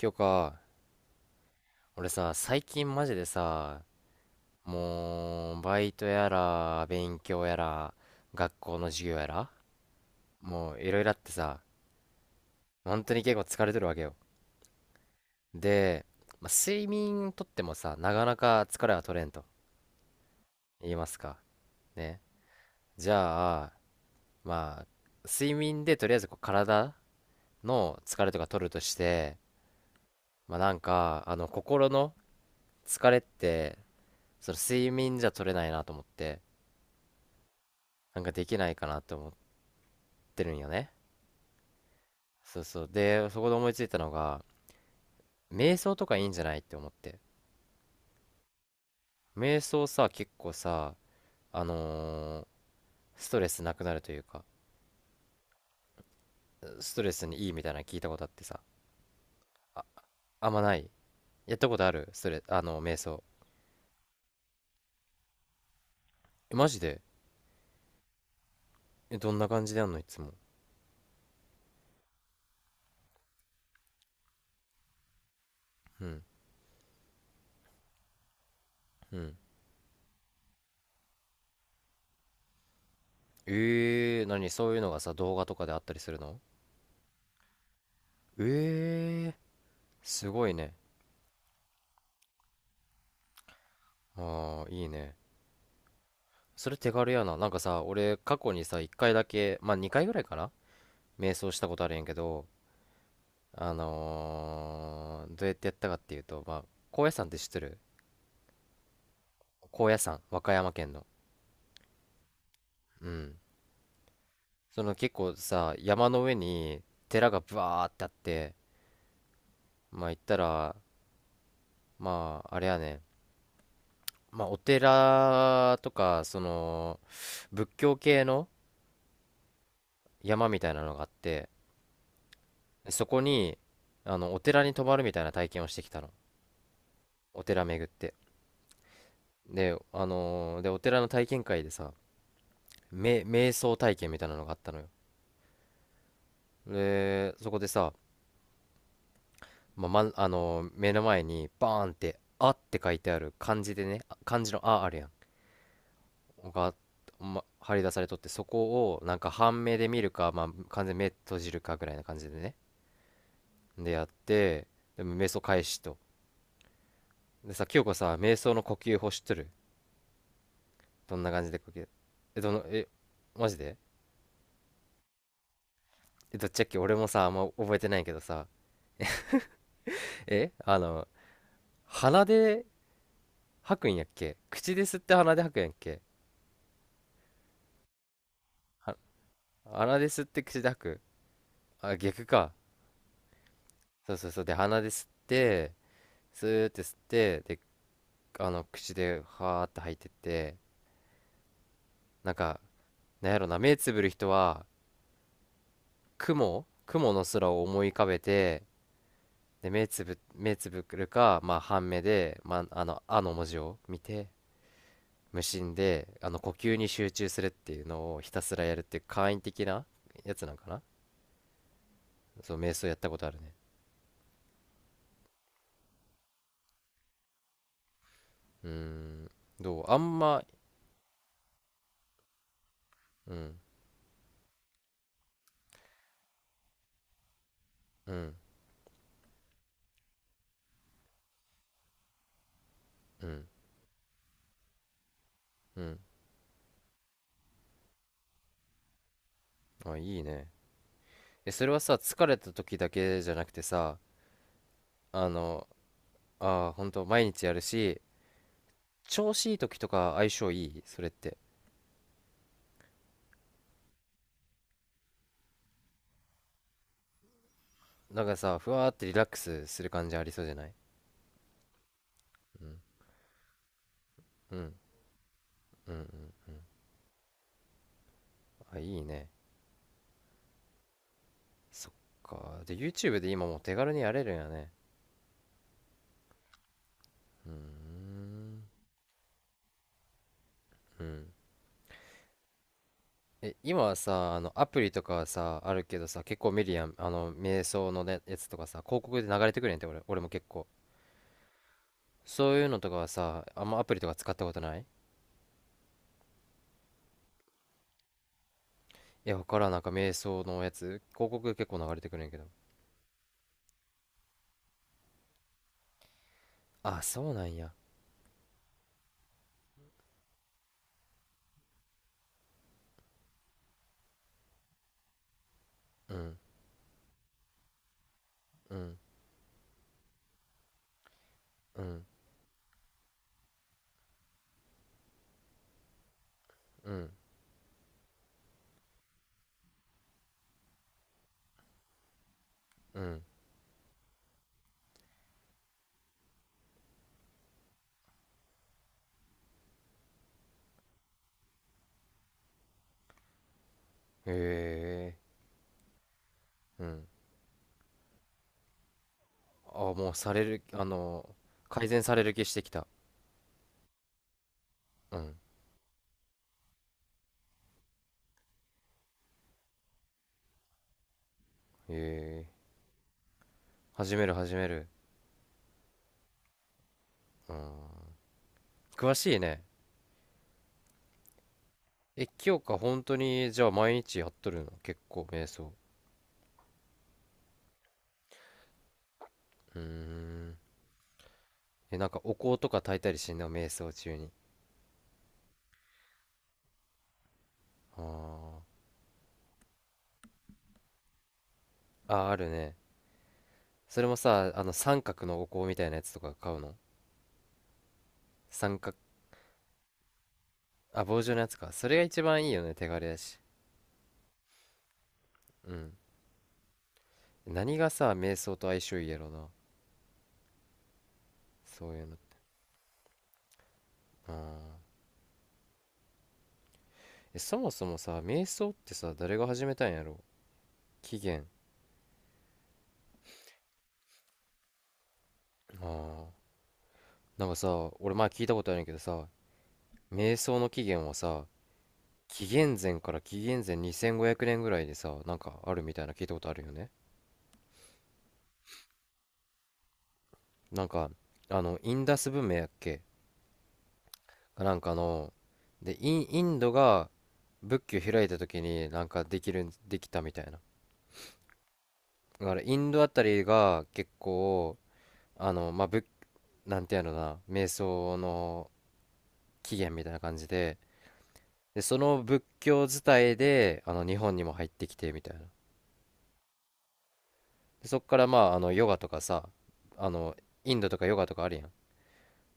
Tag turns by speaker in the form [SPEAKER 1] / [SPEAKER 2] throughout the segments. [SPEAKER 1] 今日か。俺さ、最近マジでさ、もう、バイトやら、勉強やら、学校の授業やら、もう、いろいろあってさ、本当に結構疲れてるわけよ。で、まあ、睡眠とってもさ、なかなか疲れは取れんと言いますか。ね。じゃあ、まあ、睡眠でとりあえずこう体の疲れとか取るとして、まあなんか、心の疲れって、その睡眠じゃ取れないなと思って、なんかできないかなと思ってるんよね。そうそう。で、そこで思いついたのが、瞑想とかいいんじゃないって思って。瞑想さ、結構さ、あのーストレスなくなるというか、ストレスにいいみたいなの聞いたことあってさ。あ、あんまない。やったことあるストレ、あの、瞑想。え、マジで？え、どんな感じでやんのいつも？うん、うん。えー、何？そういうのがさ、動画とかであったりするの？えー、すごいね。あー、いいね。それ手軽やな。なんかさ、俺、過去にさ、1回だけ、まあ2回ぐらいかな、瞑想したことあるんやけど、どうやってやったかっていうと、まあ高野山って知ってる？高野山、和歌山県の、うん、その結構さ山の上に寺がバーってあって、まあ行ったら、まああれやね、まあお寺とかその仏教系の山みたいなのがあって、そこに、あのお寺に泊まるみたいな体験をしてきたの。お寺巡って、で、でお寺の体験会でさ、瞑想体験みたいなのがあったのよ。でそこでさ、まああの目の前にバーンって「あ」って書いてある、漢字でね、あ漢字の「あ」あるやんが、ま、張り出されとって、そこをなんか半目で見るか、まあ、完全に目閉じるかぐらいな感じでね、でやって、でも瞑想開始と。でさ、清子さ瞑想の呼吸法知っとる？どんな感じで呼吸？え、どの、え、マジで？えどっちやっけ、俺もさあんま覚えてないけどさ、え、あの鼻で吐くんやっけ、口で吸って鼻で吐くんやっけ？は、鼻で吸って口で吐く。あ、逆か。そうそうそう、で鼻で吸って、スーって吸って、で、あの口ではーって吐いてって、なんか、なんやろな、目つぶる人は雲の空を思い浮かべて、で目つぶるか、まあ半目で、まあ、あの「あ」の文字を見て、無心であの呼吸に集中するっていうのをひたすらやるっていう簡易的なやつなんかな。そう、瞑想やったことあるね。うーん、どう？あんま、うん、うん、うん、うん。あ、いいね。え、それはさ、疲れた時だけじゃなくてさ、あの、あー、ほんと、毎日やるし、調子いい時とか相性いいそれって？なんかさ、ふわーってリラックスする感じありそうじゃない？うん、うん、うん、うん。あ、いいね。そっか。で、YouTube で今もう手軽にやれるんやね。うーん、うん。え、今はさ、あの、アプリとかはさ、あるけどさ、結構見るやん。あの、瞑想のね、やつとかさ、広告で流れてくるやんって、俺も結構。そういうのとかはさ、あんまアプリとか使ったことない？いや、わからん、なんか瞑想のやつ、広告結構流れてくるんやけど。あ、そうなんや。うん、うん、うん、うん、うん。へえ、うん。あ、もうされる、あの、改善される気してきた。うん。へえ、始める、始める。うん。詳しいね。え、清香本当にじゃあ毎日やっとるの？結構瞑想。うーん。え、なんかお香とか焚いたりしてんの？瞑想中に。あー、あー、あるね。それもさ、あの三角のお香みたいなやつとか買うの？三角、あ、棒状のやつか。それが一番いいよね、手軽やし。うん。何がさ、瞑想と相性いいやろな、そういうの。あー、え、そもそもさ、瞑想ってさ、誰が始めたんやろ？起源。ああ。なんかさ、俺前聞いたことあるんやけどさ、瞑想の起源はさ、紀元前から紀元前2500年ぐらいでさ、なんかあるみたいな聞いたことあるよね。なんかあのインダス文明やっけ、なんかの、でインドが仏教開いた時になんかできるんできたみたいな、だからインドあたりが結構、あのまあ仏、なんていうのかな、瞑想の起源みたいな感じで、でその仏教伝いであの日本にも入ってきてみたいな、でそっからまああのヨガとかさ、あのインドとかヨガとかあるやん。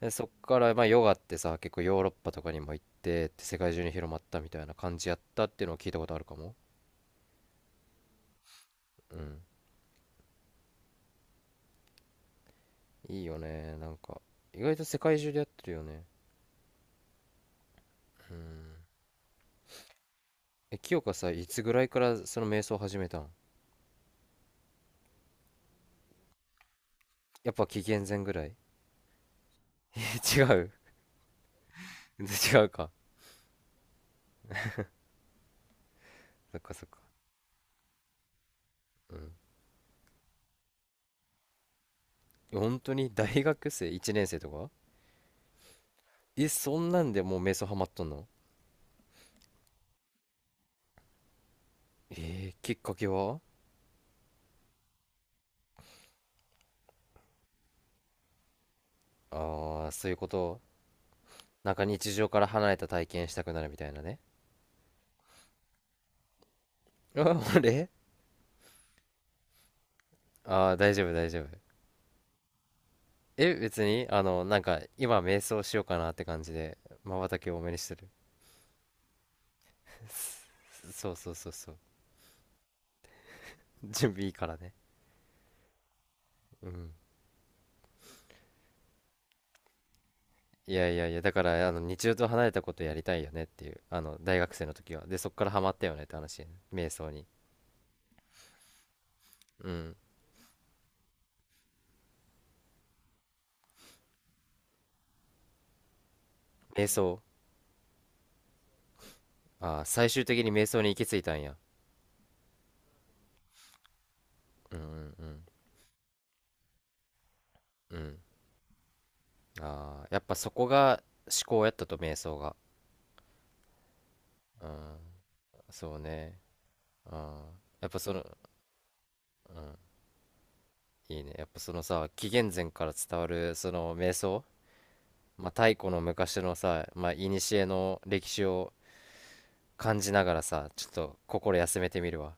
[SPEAKER 1] でそっからまあヨガってさ結構ヨーロッパとかにも行ってって世界中に広まったみたいな感じやったっていうのを聞いたことあるかも。うん、いいよねなんか、意外と世界中でやってるよね。え、清香さいつぐらいからその瞑想を始めたん？やっぱ紀元前ぐらい？ え、違う？ 違うか。そっか、そっか。うん。本当に大学生1年生とか？えそんなんでもう瞑想ハマっとんの？えー、きっかけは？ああ、ーそういうこと。なんか日常から離れた体験したくなるみたいなね。あ俺、ああ、大丈夫、大丈夫。え、別に、あの、なんか、今、瞑想しようかなって感じで、瞬きを多めにしてる。そうそうそうそう。準備いいからね。うん。いやいやいや、だから、あの、日常と離れたことやりたいよねっていう、あの、大学生の時は。で、そっからハマったよねって話、ね瞑想に。うん。瞑想。ああ、最終的に瞑想に行き着いたんや。うん、うん、うん。うん。ああ、やっぱそこが思考やったと、瞑想が。うん。そうね。うん。やっぱその、うん。いいね。やっぱそのさ、紀元前から伝わるその瞑想、まあ、太古の昔のさ、まあ、古の歴史を感じながらさ、ちょっと心休めてみるわ。